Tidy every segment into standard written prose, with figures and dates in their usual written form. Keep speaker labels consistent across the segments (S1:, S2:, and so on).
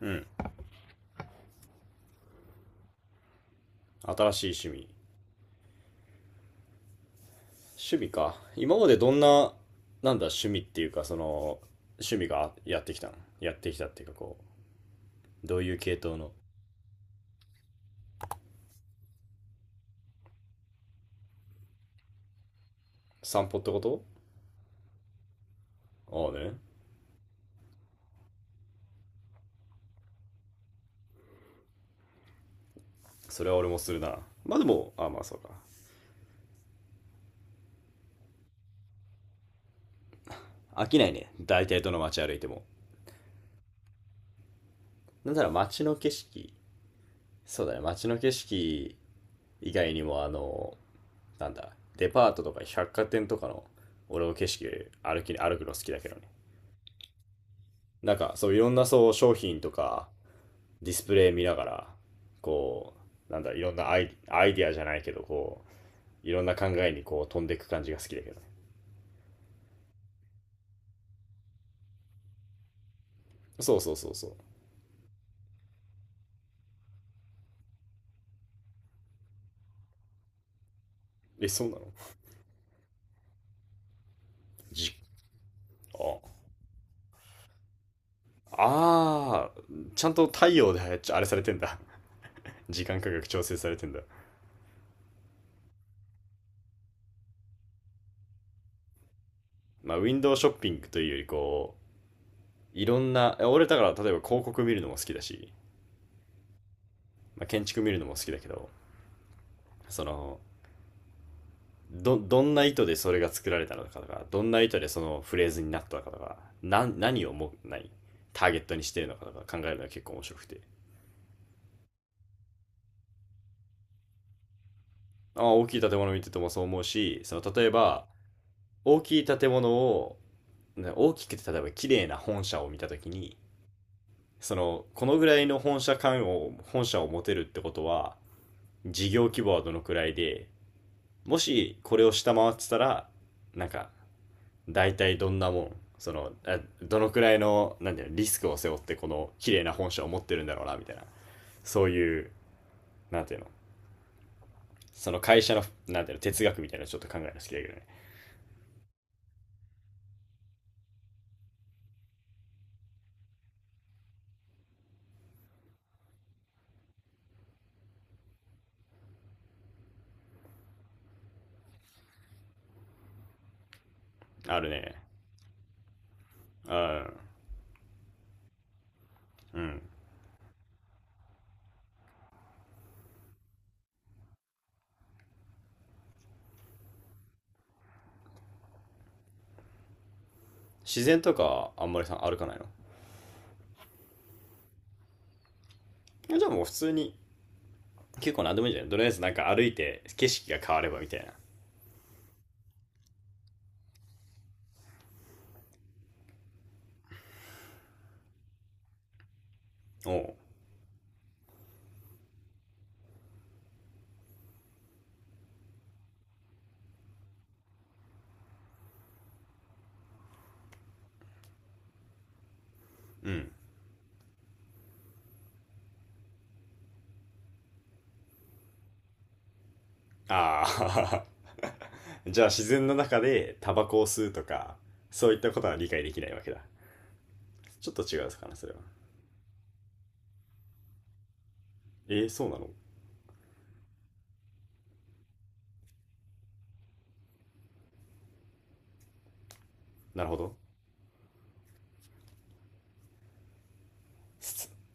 S1: うん。新しい趣味。趣味か。今までどんな、なんだ、趣味っていうか、その、趣味がやってきたっていうか、こう、どういう系統の。散歩ってこと？ああね。それは俺もするな。まあでも、ああまあそうか。飽きないね。大体どの街歩いても。なんだろう、街の景色。そうだね、街の景色以外にも、あの、なんだ、デパートとか百貨店とかの、俺の景色、歩くの好きだけどね。なんか、そう、いろんなそう、商品とか、ディスプレイ見ながら、こう、なんだ、いろんなアイアイディアじゃないけど、こう、いろんな考えにこう飛んでいく感じが好きだけどね。そうそうそうそう。え、そうなの？じ、あ、あ、ちゃんと太陽であれされてんだ。時間価格調整されてんだ。まあ、ウィンドウショッピングというより、こう、いろんな、俺だから例えば広告見るのも好きだし、まあ、建築見るのも好きだけど、その、どんな意図でそれが作られたのかとか、どんな意図でそのフレーズになったのかとか、な、何をも、ターゲットにしてるのかとか考えるのが結構面白くて。あ、大きい建物見ててもそう思うし、その、例えば、大きい建物を、ね、大きくて例えば綺麗な本社を見たときに、その、このぐらいの本社感を、本社を持てるってことは、事業規模はどのくらいで、もしこれを下回ってたら、なんか、大体どんなもん、その、どのくらいのなんていうの、リスクを背負ってこの綺麗な本社を持ってるんだろうなみたいな、そういう、なんていうの、その会社のなんていうの、哲学みたいなのちょっと考えるの好きだけどね。あるね。うん。うん。自然とかあんまりさ歩かないの？じゃあもう普通に、結構何でもいいんじゃない、とりあえずなんか歩いて景色が変わればみたいな。おううん。ああ。 じゃあ自然の中でタバコを吸うとか、そういったことは理解できないわけだ。ちょっと違うかなそれは。えー、そうなの？なるほど。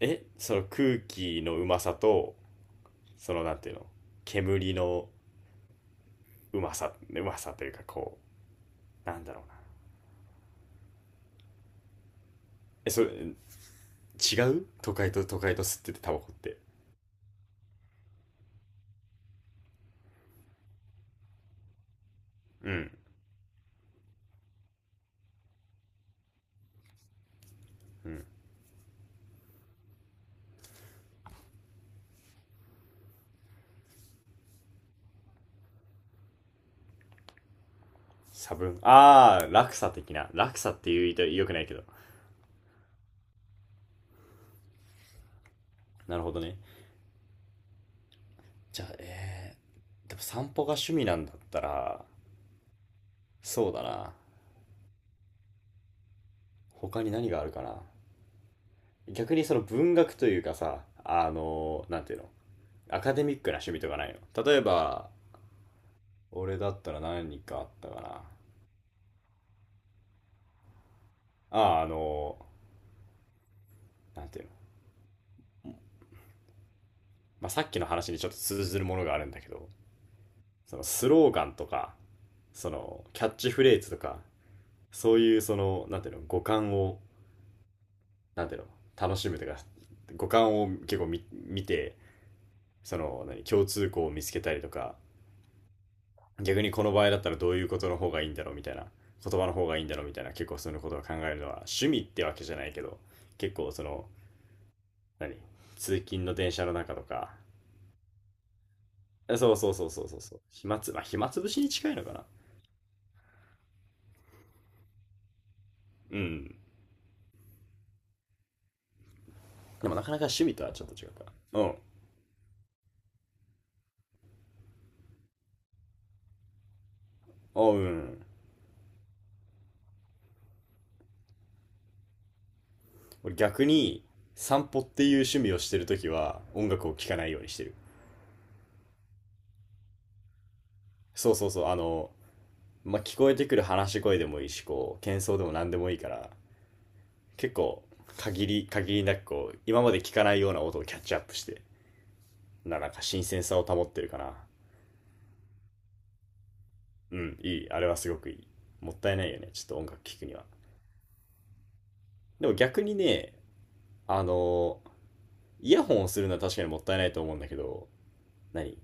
S1: え、その空気のうまさと、そのなんていうの、煙のうまさ、うまさというかこう、なんだろうな。え、それ、違う、都会と都会と吸っててタバコって。うん。差分。あー、落差的な。落差って言うと良くないけど。なるほどね。じゃあ、えー、でも散歩が趣味なんだったら、そうだな。他に何があるかな。逆にその文学というかさ、あの、なんていうの、アカデミックな趣味とかないの、例えば。俺だったら何かあったかな。あ、あ、あの、なんていうの。まあ、さっきの話にちょっと通ずるものがあるんだけど、そのスローガンとか、そのキャッチフレーズとか、そういうその、なんていうの、五感を、なんていうの、楽しむというか、五感を結構見て、その、何、共通項を見つけたりとか、逆にこの場合だったらどういうことの方がいいんだろうみたいな、言葉の方がいいんだろうみたいな、結構そういうことを考えるのは、趣味ってわけじゃないけど、結構その、何、通勤の電車の中とか。そうそうそうそうそうそう。暇つ、まあ、暇つぶしに近いのかな。うん。でもなかなか趣味とはちょっと違うかな。うん。おううん。俺逆に、散歩っていう趣味をしてるときは音楽を聴かないようにしてる。そうそうそう。あの、まあ、聞こえてくる話し声でもいいし、こう、喧騒でも何でもいいから、結構限りなくこう、今まで聞かないような音をキャッチアップして、なんか新鮮さを保ってるかな。うん、いい。あれはすごくいい。もったいないよね。ちょっと音楽聴くには。でも逆にね、あの、イヤホンをするのは確かにもったいないと思うんだけど、何、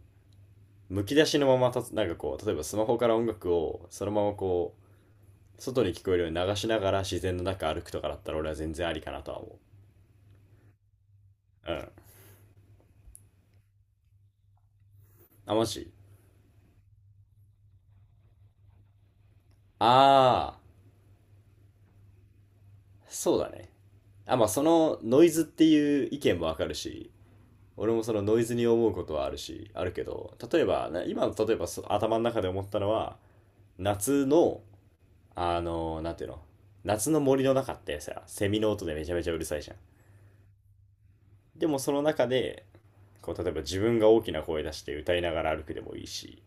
S1: むき出しのままたつ、なんかこう、例えばスマホから音楽をそのままこう、外に聞こえるように流しながら自然の中歩くとかだったら俺は全然ありかなとは思う。うん。あ、マジ？ああ、そうだね。あ、まあそのノイズっていう意見もわかるし、俺もそのノイズに思うことはあるし、あるけど、例えば、今の例えば頭の中で思ったのは、夏のあの、なんていうの夏の森の中ってさ、セミの音でめちゃめちゃうるさいじゃん。でもその中で、こう、例えば自分が大きな声出して歌いながら歩くでもいいし、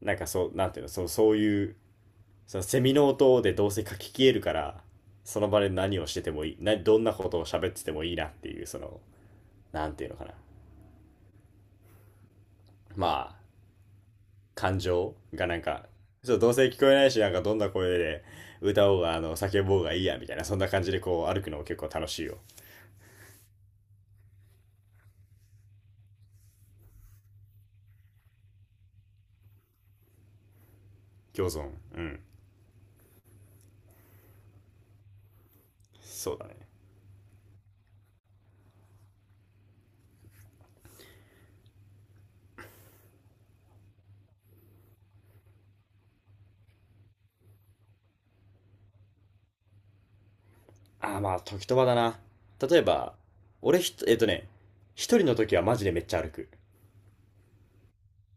S1: なんかそう、なんていうの、そう、そういう、そのセミの音でどうせ書き消えるから、その場で何をしててもいい、な、どんなことを喋っててもいいなっていう、その、なんていうのかな。まあ、感情がなんか、ちょっとどうせ聞こえないし、なんかどんな声で歌おうが、あの、叫ぼうがいいや、みたいな、そんな感じでこう歩くのも結構楽しいよ。共存。うん。そうだね。ああ、まあ、時と場だな。例えば、俺ひと、えっとね、一人の時はマジでめっちゃ歩く。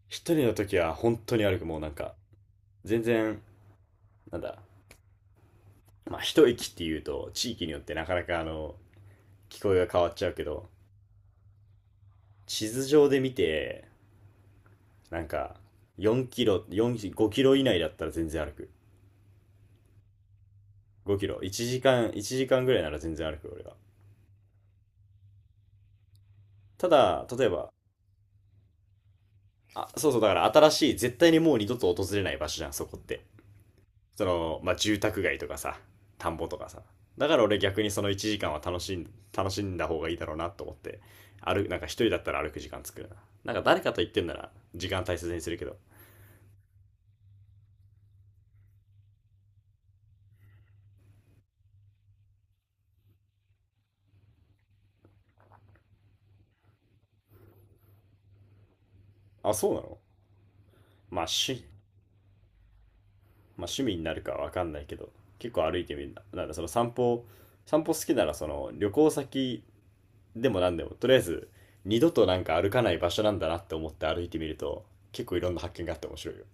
S1: 一人の時は本当に歩く。もうなんか、全然、なんだ、まあ、一駅っていうと、地域によってなかなかあの、聞こえが変わっちゃうけど、地図上で見て、なんか、4キロ、4、5キロ以内だったら全然歩く。5キロ。1時間ぐらいなら全然歩く、俺は。ただ、例えば、あ、そうそう、だから新しい、絶対にもう二度と訪れない場所じゃん、そこって。その、まあ、住宅街とかさ、田んぼとかさ。だから俺逆にその1時間は楽しんだ方がいいだろうなと思って、なんか一人だったら歩く時間作るな。なんか誰かと言ってんなら時間大切にするけど。あ、そうなの？まあ、し、まあ、趣味になるかわかんないけど、結構歩いてみるな。なんだ、その散歩、散歩好きならその旅行先でもなんでも、とりあえず二度となんか歩かない場所なんだなって思って歩いてみると、結構いろんな発見があって面白いよ。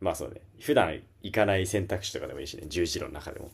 S1: まあそうね。普段行かない選択肢とかでもいいしね。十字路の中でも。